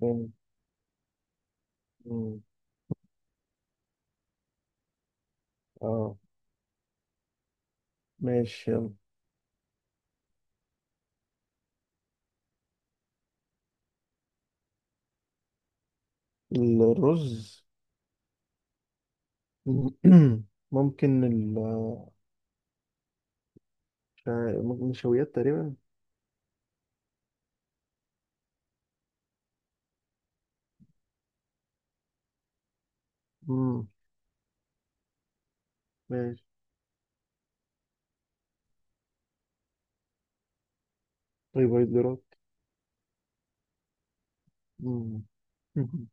مم. مم. اه، ماشي. يلا الرز. ممكن نشويات تقريبا. مم. ماشي. طيب هيدرات. مم.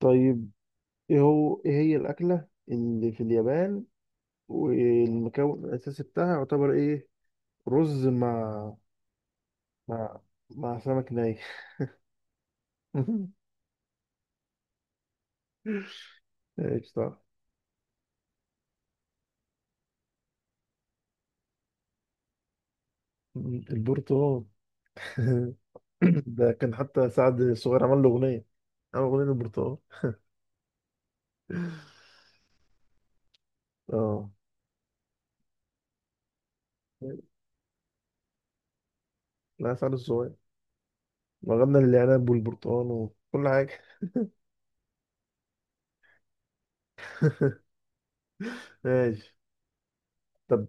طيب، ايه هي الأكلة اللي في اليابان والمكون الأساسي بتاعها يعتبر ايه؟ رز مع مع سمك ني. ايش؟ صح. مم. البرتقال. ده كان حتى سعد الصغير عمل له أغنية، عمل أغنية البرتقال. اه. لا، فعلا الصغير. وغنى العنب والبرتقال وكل حاجة. ماشي. طب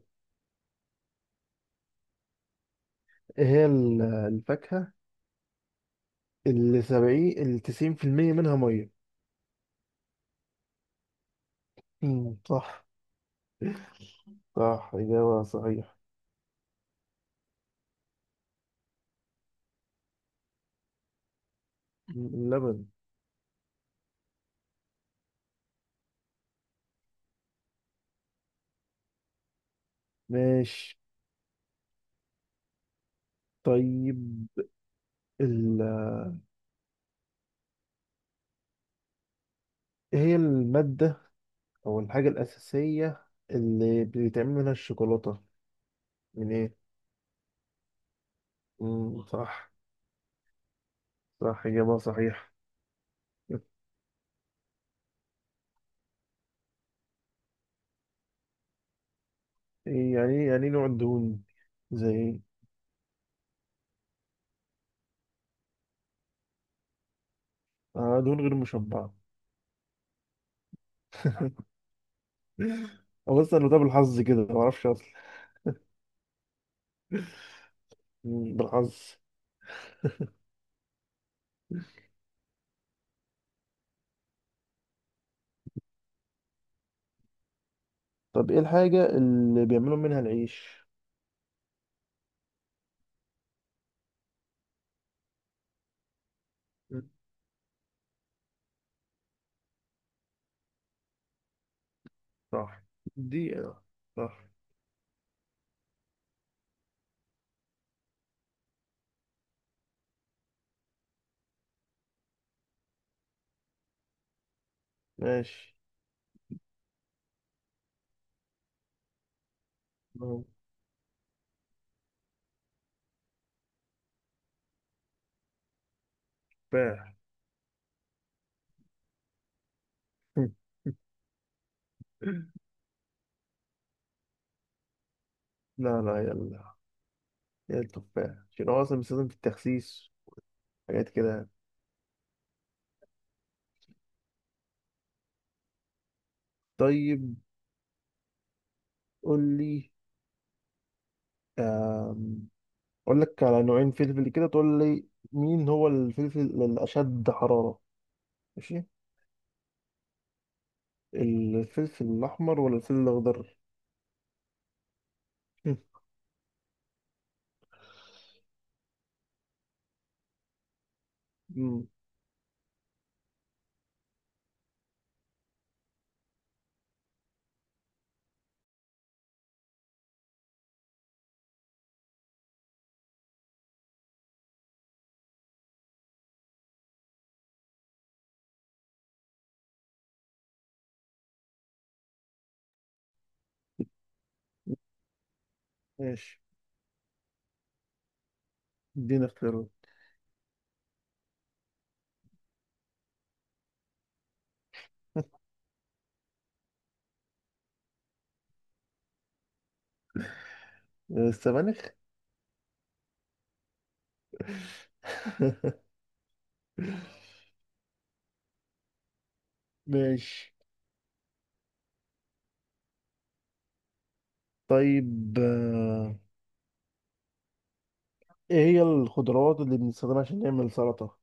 ايه هي الفاكهة اللي سبعين اللي 90% منها مية؟ مم، صح. صح، إجابة صحيحة. اللبن. ماشي. طيب ال... ايه هي المادة أو الحاجة الأساسية اللي بيتعمل منها الشوكولاتة، من ايه؟ مم، صح. صح، إجابة صحيحة. إيه يعني نوع الدهون؟ زي ايه؟ دهون غير مشبعة. أو بس أنا ده بالحظ كده، ما أعرفش أصلا. مم، بالحظ. طب إيه الحاجة اللي بيعملوا منها العيش؟ مم، صح. دي صح. ماشي. أهو. تفاح. لا لا، يلا. يا التفاح عشان هو أصلا بيستخدم في التخسيس، حاجات كده. طيب قول لي. آم، أقول لك على نوعين فلفل كده تقول لي، مين هو الفلفل الأشد حرارة؟ ماشي. الفلفل الأحمر ولا الفلفل الأخضر؟ مم. ماشي، ادينا اختيارات. السبانخ. ماشي. طيب ايه هي الخضروات اللي بنستخدمها عشان نعمل سلطة؟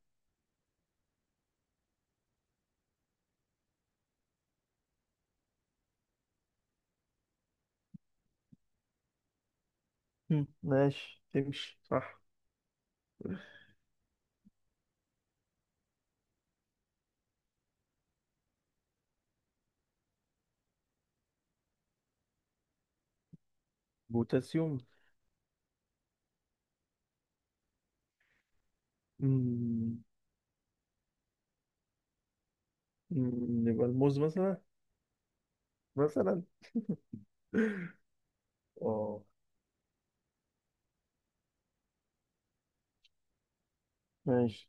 مم. ماشي، تمشي صح. بوتاسيوم. مم. مم، يبقى الموز مثلا. مثلا. اه. ماشي.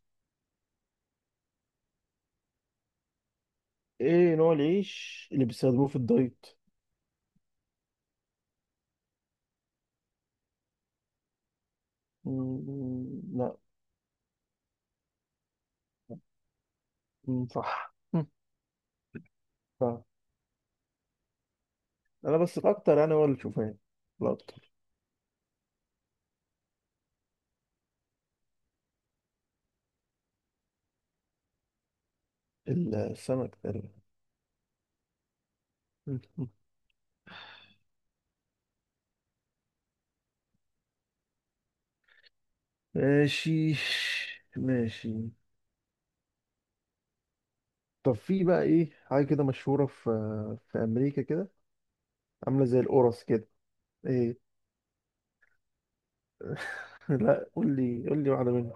ايه نوع العيش اللي بيستخدموه في الدايت؟ مم، لا. مم، صح. مم، صح. انا بس الاكتر يعني هو الشوفان، الاكتر. السمك. ماشي. ماشي. طب في بقى ايه حاجة كده مشهورة في أمريكا كده، عاملة زي القرص كده؟ ايه؟ لا، قول لي واحدة منهم.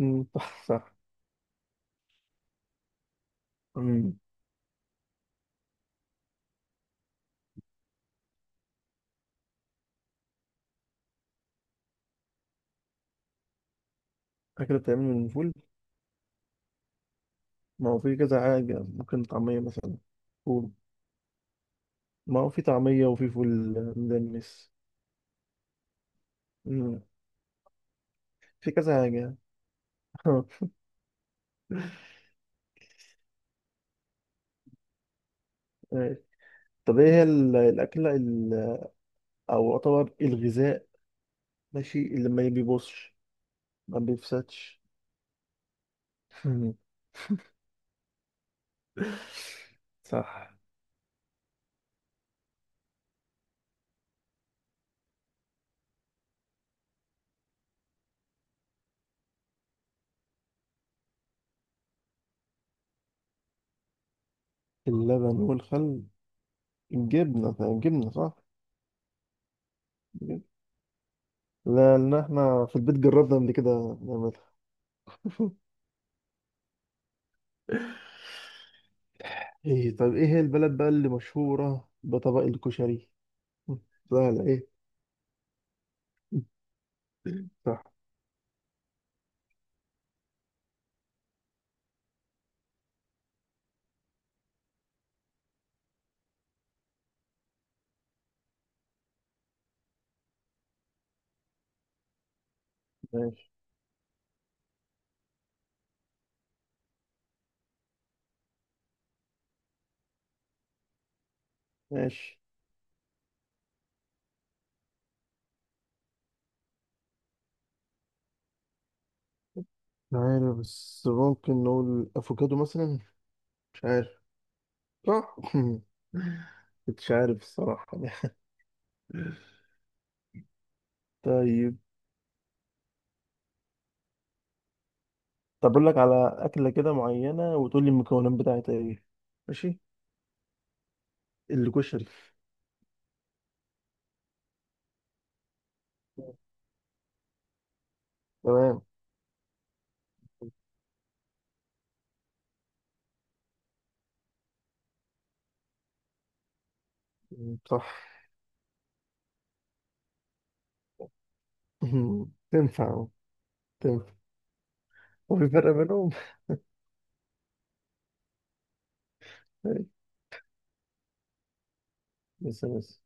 أمم، صح صح. أمم، أكلة بتتعمل من الفول. ما هو في كذا حاجة، ممكن طعمية مثلا. فول. ما هو في طعمية، وفي فول مدمس. أمم، في كذا حاجة. ماشي. طب ايه هي الأكلة أو أعتبر الغذاء، ماشي، اللي ما بيبوظش، ما بيفسدش. مم. صح. اللبن والخل. الجبنة، جبنة، صح؟ جبنة. لأن احنا في البيت جربنا قبل كده نعملها. ايه. طيب ايه هي البلد بقى اللي مشهورة بطبق الكشري؟ سهلة ايه؟ صح. ماشي. ماشي. مش عارف، بس ممكن نقول افوكادو مثلا. مش عارف. صح. مش عارف الصراحة. طيب طب اقول لك على اكله كده معينه وتقول لي المكونات بتاعتها ايه. ماشي. الكشري. تمام. صح. تنفع. تنفع. وفي فرق بينهم؟ بس بس.